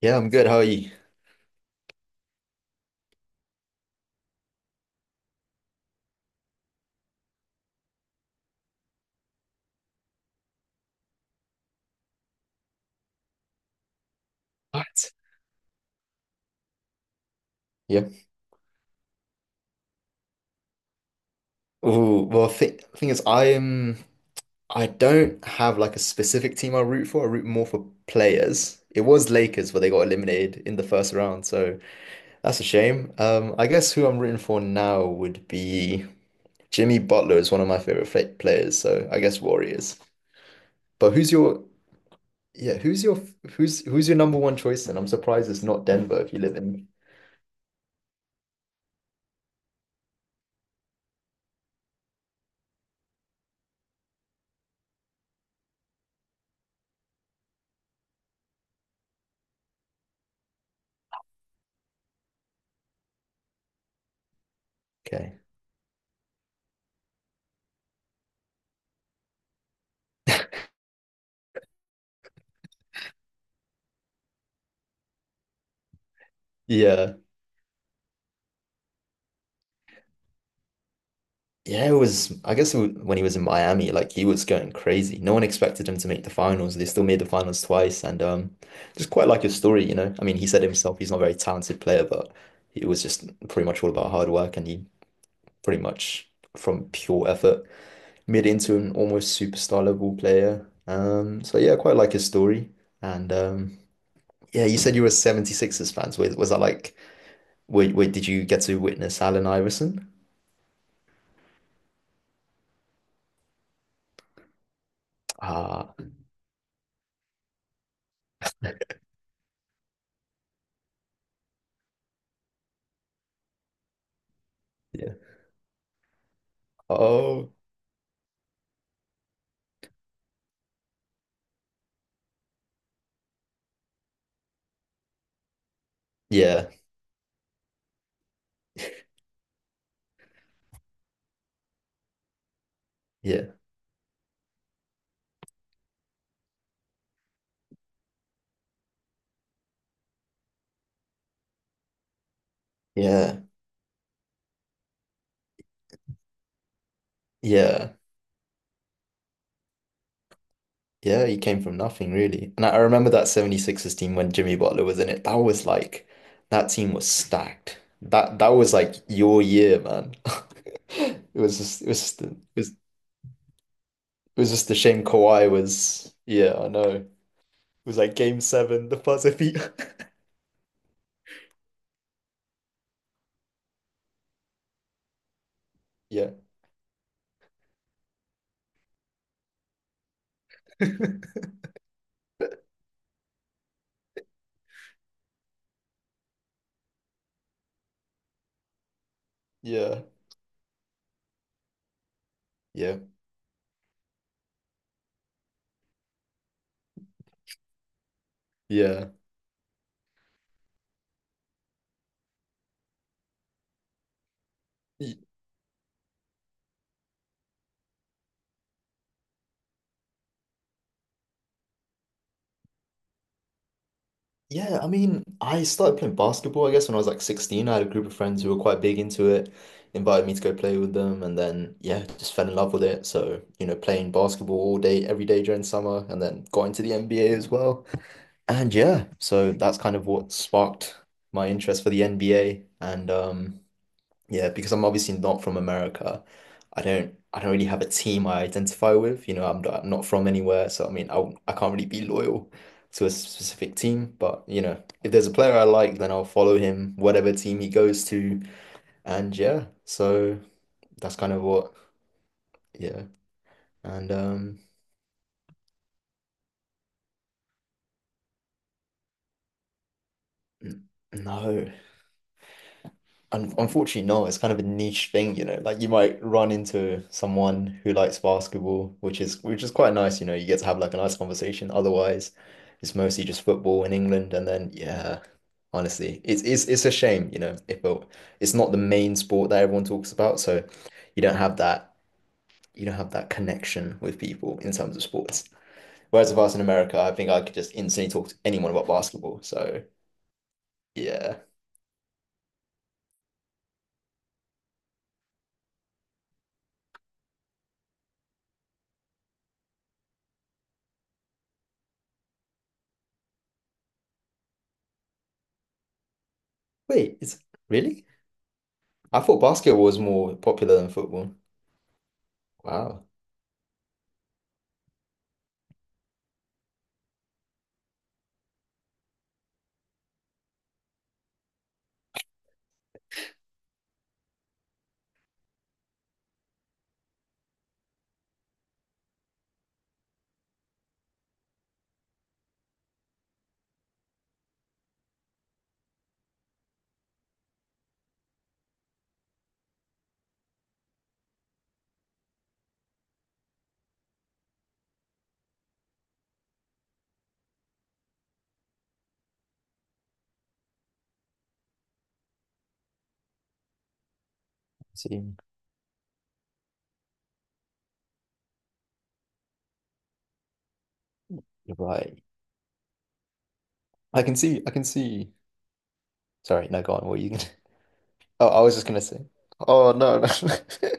Yeah, I'm good. How are you? What? Yeah. Oh, well, th thing is, I am. I don't have like a specific team I root for. I root more for players. It was Lakers, but they got eliminated in the first round, so that's a shame. I guess who I'm rooting for now would be Jimmy Butler is one of my favorite players, so I guess Warriors. But who's your, yeah? Who's your number one choice? And I'm surprised it's not Denver if you live in. Okay. Yeah. Yeah, it was, I guess when he was in Miami, like he was going crazy. No one expected him to make the finals. They still made the finals twice. And just quite like his story. I mean, he said himself he's not a very talented player, but it was just pretty much all about hard work. And he pretty much, from pure effort, made it into an almost superstar level player. So yeah, quite like his story. And yeah, you said you were Seventy Sixers fans. Was that like, wait, wait, did you get to witness Allen Iverson? Ah, yeah. Oh, yeah. Yeah. Yeah, yeah, yeah. He came from nothing really, and I remember that 76ers team when Jimmy Butler was in it. That was like that team was stacked. That was like your year, man. It was just a shame Kawhi was. Yeah, I know. It was like game seven, the buzzer beat. Yeah, yeah, yeah, yeah. Yeah, I mean, I started playing basketball, I guess, when I was like 16. I had a group of friends who were quite big into it, invited me to go play with them, and then, yeah, just fell in love with it. So, you know, playing basketball all day, every day during summer, and then got into the NBA as well. And yeah, so that's kind of what sparked my interest for the NBA. And yeah, because I'm obviously not from America. I don't really have a team I identify with. You know, I'm not from anywhere, so I mean, I can't really be loyal to a specific team, but you know, if there's a player I like, then I'll follow him whatever team he goes to. And yeah, so that's kind of what yeah. And no. Un unfortunately, no. It's kind of a niche thing. Like you might run into someone who likes basketball, which is quite nice, you know. You get to have like a nice conversation. Otherwise, it's mostly just football in England. And then, yeah, honestly, it's a shame. If it, it's not the main sport that everyone talks about, so you don't have that you don't have that connection with people in terms of sports. Whereas if I was in America, I think I could just instantly talk to anyone about basketball. So yeah. Wait, it's really? I thought basketball was more popular than football. Wow. See, you're right. I can see, I can see. Sorry, no, go on. What are you gonna? Oh, I was just gonna say. Oh no, no.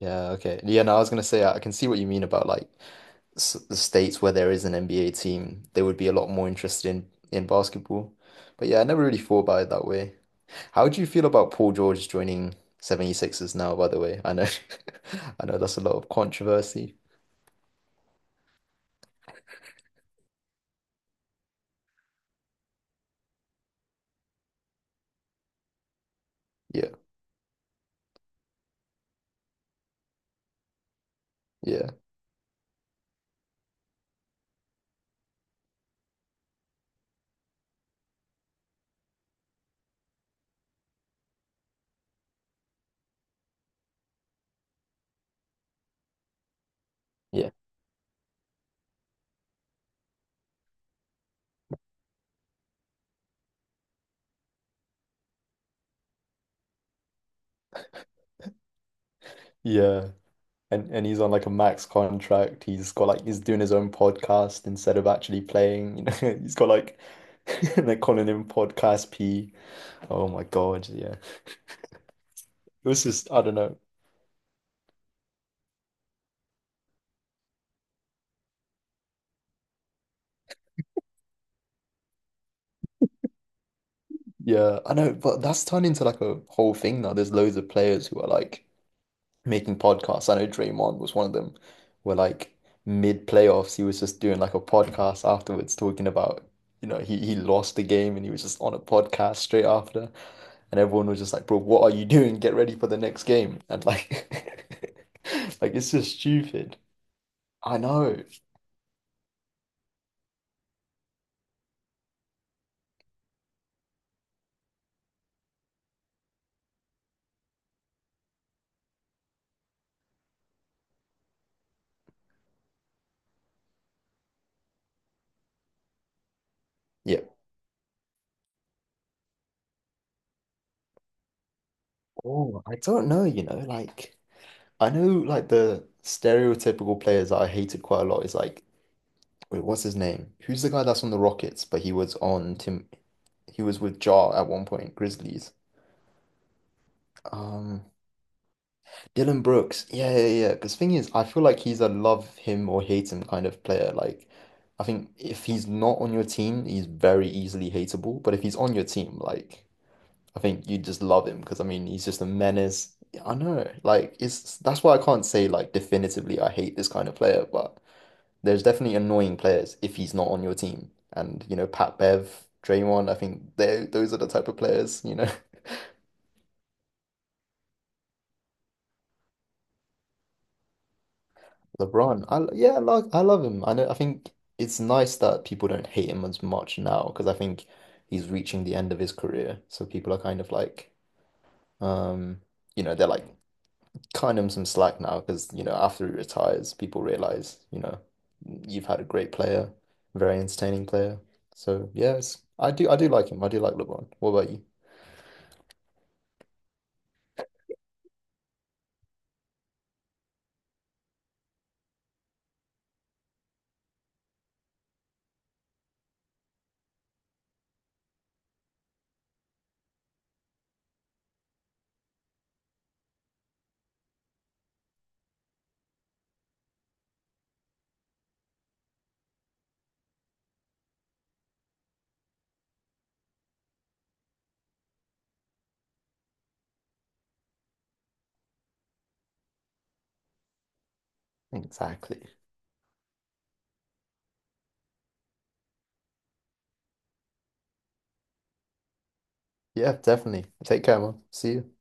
Yeah, okay. Yeah, no, I was gonna say I can see what you mean about like s the states where there is an NBA team, they would be a lot more interested in basketball. But yeah, I never really thought about it that way. How do you feel about Paul George joining 76ers now, by the way? I know I know that's a lot of controversy. Yeah, yeah, yeah. Yeah. And he's on like a max contract. He's got like he's doing his own podcast instead of actually playing. You know, he's got like they're calling him Podcast P. Oh my God, yeah. It was just I don't know. Yeah, I know, but that's turned into like a whole thing now. There's loads of players who are like making podcasts. I know Draymond was one of them, where like mid playoffs, he was just doing like a podcast afterwards, talking about, he lost the game and he was just on a podcast straight after. And everyone was just like, bro, what are you doing? Get ready for the next game. And like, like it's just stupid. I know. Yeah. Oh, I don't know, you know, like I know like the stereotypical players that I hated quite a lot is like, wait, what's his name? Who's the guy that's on the Rockets, but he was with Jar at one point, Grizzlies. Um, Dylan Brooks. Yeah, yeah, yeah. Because thing is, I feel like he's a love him or hate him kind of player. Like, I think if he's not on your team, he's very easily hateable. But if he's on your team, like, I think you just love him because I mean, he's just a menace. I know. Like, it's that's why I can't say like definitively I hate this kind of player. But there's definitely annoying players if he's not on your team. And you know, Pat Bev, Draymond. I think they those are the type of players. You know. LeBron, I love him. I think it's nice that people don't hate him as much now because I think he's reaching the end of his career. So people are kind of like, um, they're like cutting him some slack now because after he retires, people realize you've had a great player, very entertaining player. So yes, I do like him. I do like LeBron. What about you? Exactly. Yeah, definitely. Take care, man. See you.